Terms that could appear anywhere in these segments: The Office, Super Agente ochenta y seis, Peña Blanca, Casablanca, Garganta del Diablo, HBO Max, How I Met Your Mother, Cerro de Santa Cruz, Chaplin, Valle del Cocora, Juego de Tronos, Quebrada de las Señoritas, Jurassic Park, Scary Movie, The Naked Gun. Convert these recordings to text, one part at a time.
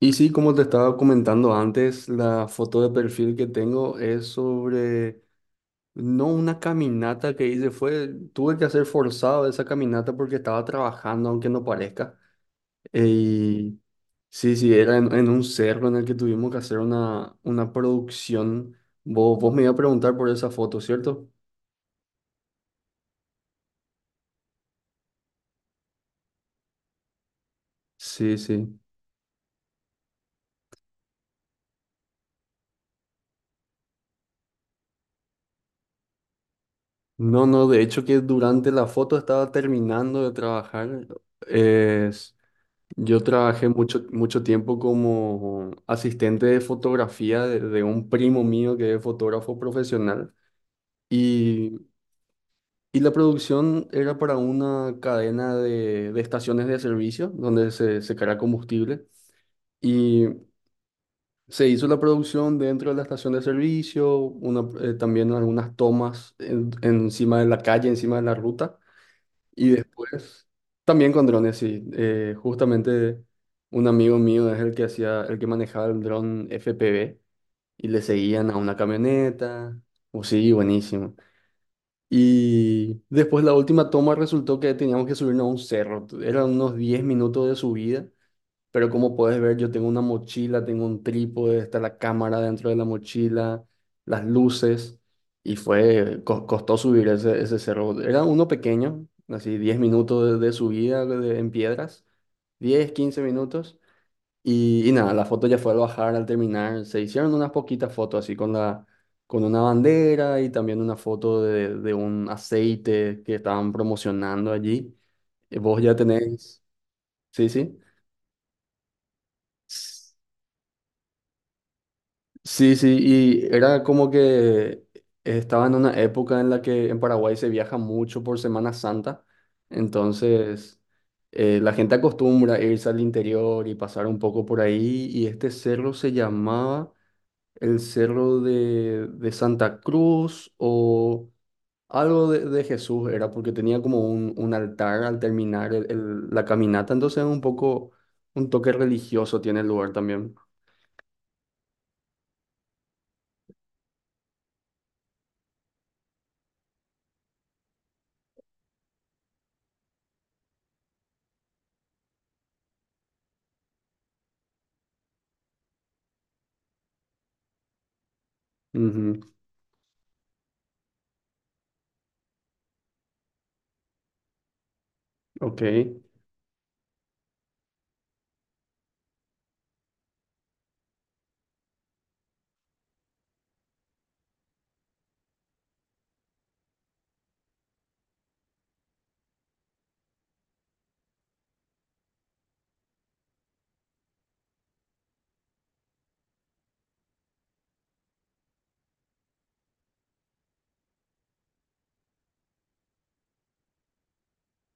Y sí, como te estaba comentando antes, la foto de perfil que tengo es sobre, no una caminata que hice, fue, tuve que hacer forzado esa caminata porque estaba trabajando, aunque no parezca. Y sí, sí, era en un cerro en el que tuvimos que hacer una producción. Vos me ibas a preguntar por esa foto, ¿cierto? Sí, sí. No, no, de hecho que durante la foto estaba terminando de trabajar. Es Yo trabajé mucho, mucho tiempo como asistente de fotografía de un primo mío que es fotógrafo profesional. Y, y la producción era para una cadena de estaciones de servicio donde se carga combustible, y se hizo la producción dentro de la estación de servicio, una, también algunas tomas encima de la calle, encima de la ruta. Y después, también con drones, sí. Justamente un amigo mío es el que hacía, el que manejaba el dron FPV y le seguían a una camioneta. O sí, buenísimo. Y después la última toma resultó que teníamos que subirnos a un cerro. Eran unos 10 minutos de subida, pero como puedes ver, yo tengo una mochila, tengo un trípode, está la cámara dentro de la mochila, las luces, y fue, costó subir ese cerro. Era uno pequeño, así 10 minutos de subida en piedras, diez 15 minutos, y nada, la foto ya fue al bajar, al terminar, se hicieron unas poquitas fotos así con con una bandera, y también una foto de un aceite que estaban promocionando allí. Vos ya tenés, sí, sí. Sí, sí, y era como que estaba en una época en la que en Paraguay se viaja mucho por Semana Santa, entonces la gente acostumbra a irse al interior y pasar un poco por ahí, y este cerro se llamaba el Cerro de Santa Cruz o algo de Jesús, era porque tenía como un altar al terminar la caminata, entonces un poco, un toque religioso tiene el lugar también. Ujú. Ok.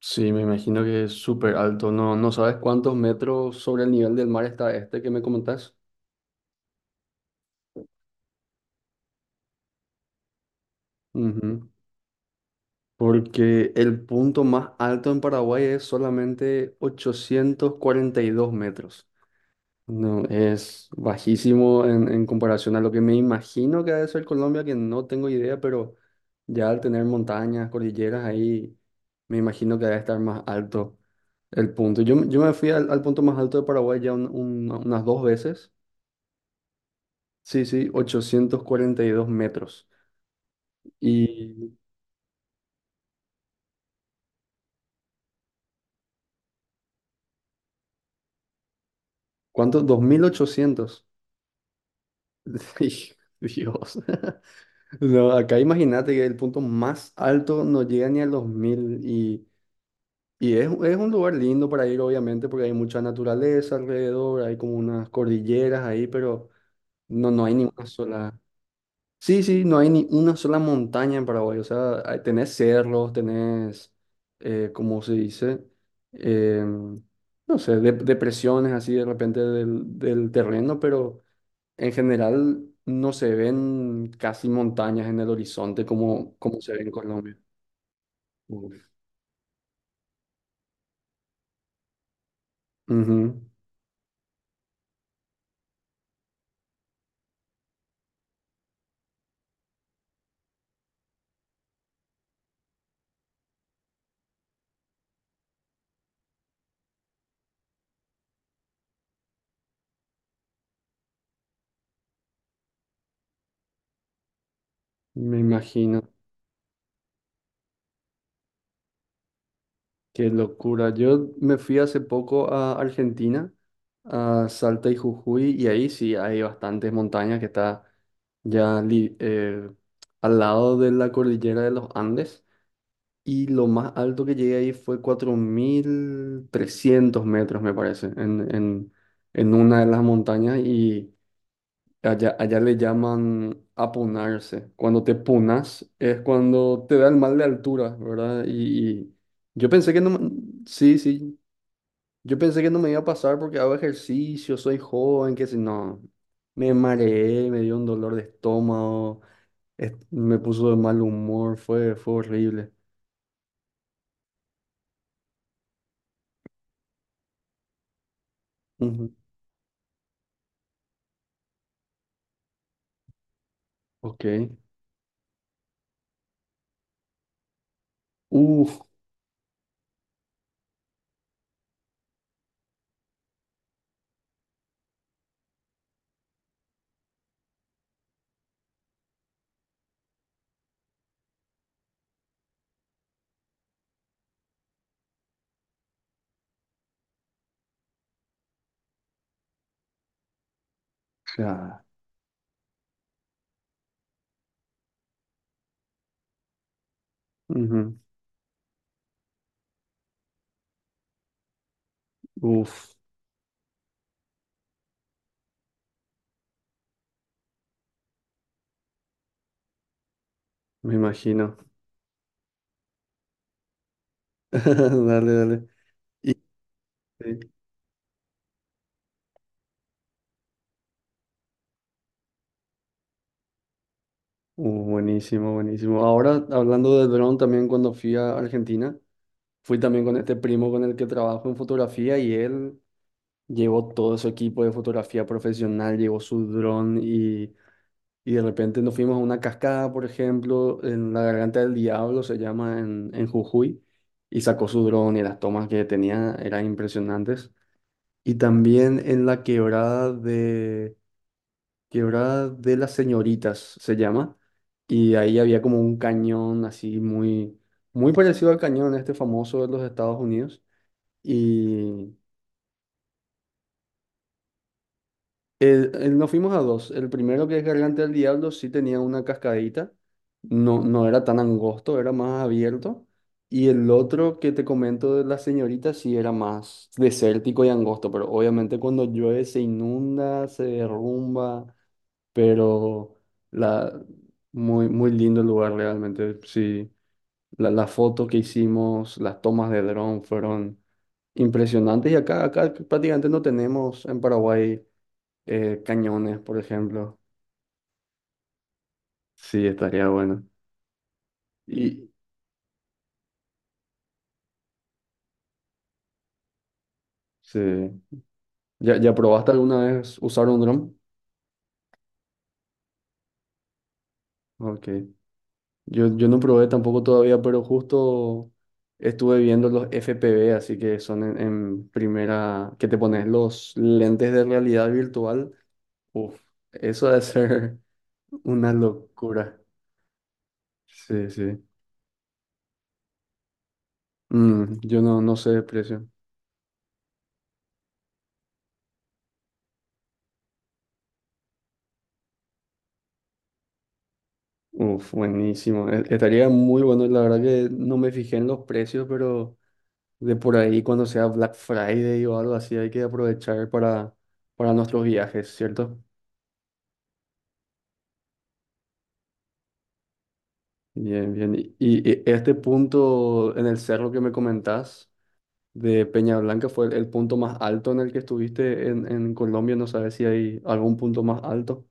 Sí, me imagino que es súper alto. No, no sabes cuántos metros sobre el nivel del mar está este que me comentás. Ujú. Porque el punto más alto en Paraguay es solamente 842 metros. No, es bajísimo en, comparación a lo que me imagino que ha de ser Colombia, que no tengo idea, pero ya al tener montañas, cordilleras ahí, me imagino que debe estar más alto el punto. Yo me fui al punto más alto de Paraguay ya unas 2 veces. Sí, sí, 842 metros. ¿Y cuánto? 2800. Dij- Dios. No, acá imagínate que el punto más alto no llega ni a los 1.000 y es un lugar lindo para ir, obviamente, porque hay mucha naturaleza alrededor, hay como unas cordilleras ahí, pero no, no hay ni una sola. Sí, sí, no hay ni una sola montaña en Paraguay. O sea, tenés cerros, tenés, ¿cómo se dice? Em, no sé, depresiones así de repente del terreno, pero en general no se ven casi montañas en el horizonte como se ve en Colombia. Uf. Ujú, me imagino. Qué locura. Yo me fui hace poco a Argentina, a Salta y Jujuy, y ahí sí hay bastantes montañas que está ya al lado de la cordillera de los Andes. Y lo más alto que llegué ahí fue 4.300 metros, me parece, en, en una de las montañas. Y allá le llaman apunarse. Cuando te punas es cuando te da el mal de altura, ¿verdad? Y yo pensé que no. Sí, sí. Yo pensé que no me iba a pasar porque hago ejercicio, soy joven, que si no. Me mareé, me dio un dolor de estómago, me puso de mal humor, fue horrible. Ujú. Ok. Uf. Ja, ujú, uf. Me imagino. Dale, dale. Y- sí. Buenísimo, buenísimo. Ahora, hablando de dron, también cuando fui a Argentina, fui también con este primo con el que trabajo en fotografía y él llevó todo su equipo de fotografía profesional, llevó su dron y de repente nos fuimos a una cascada, por ejemplo, en la Garganta del Diablo, se llama en, Jujuy, y sacó su dron y las tomas que tenía eran impresionantes. Y también en la quebrada de... Quebrada de las Señoritas se llama. Y ahí había como un cañón así muy, muy parecido al cañón este famoso de los Estados Unidos. Y nos fuimos a dos. El primero que es Garganta del Diablo sí tenía una cascadita. No, no era tan angosto, era más abierto. Y el otro que te comento de las señoritas sí era más desértico y angosto, pero obviamente cuando llueve se inunda, se derrumba. Pero la, muy, muy lindo el lugar realmente. Sí, la foto que hicimos, las tomas de dron fueron impresionantes, y acá prácticamente no tenemos en Paraguay cañones, por ejemplo. Sí, estaría bueno. Y sí. ¿Ya probaste alguna vez usar un dron? Ok. Yo no probé tampoco todavía, pero justo estuve viendo los FPV, así que son en, primera, que te pones los lentes de realidad virtual. Uf, eso debe ser una locura. Sí, sí. Yo no, no sé de precio. Uf, buenísimo. Estaría muy bueno. La verdad que no me fijé en los precios, pero de por ahí cuando sea Black Friday o algo así, hay que aprovechar para, nuestros viajes, ¿cierto? Bien, bien. Y este punto en el cerro que me comentás de Peña Blanca fue el punto más alto en el que estuviste en, Colombia. No sabes si hay algún punto más alto.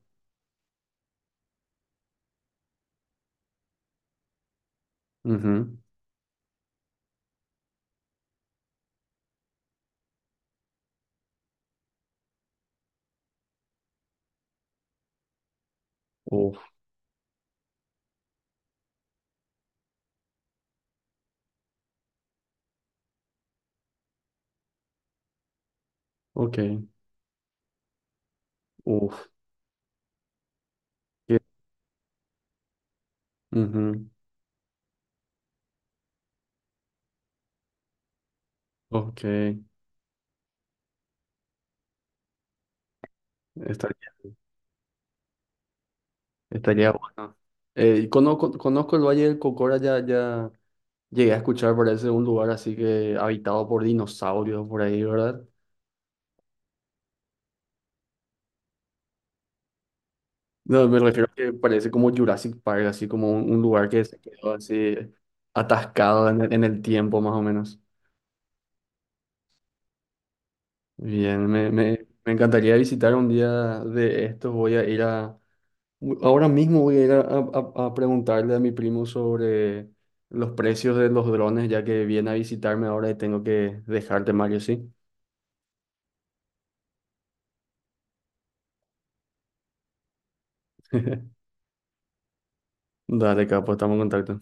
Ujú. Ok, uf, que- ujú, ok, estaría, estaría bueno. Conozco el Valle del Cocora, ya llegué a escuchar, parece un lugar así que habitado por dinosaurios por ahí, ¿verdad? No, me refiero a que parece como Jurassic Park, así como un lugar que se quedó así atascado en el tiempo más o menos. Bien, me encantaría visitar un día de estos, voy a ir a, ahora mismo voy a ir a preguntarle a mi primo sobre los precios de los drones, ya que viene a visitarme ahora y tengo que dejarte, Mario, ¿sí? Dale, capo, estamos en contacto.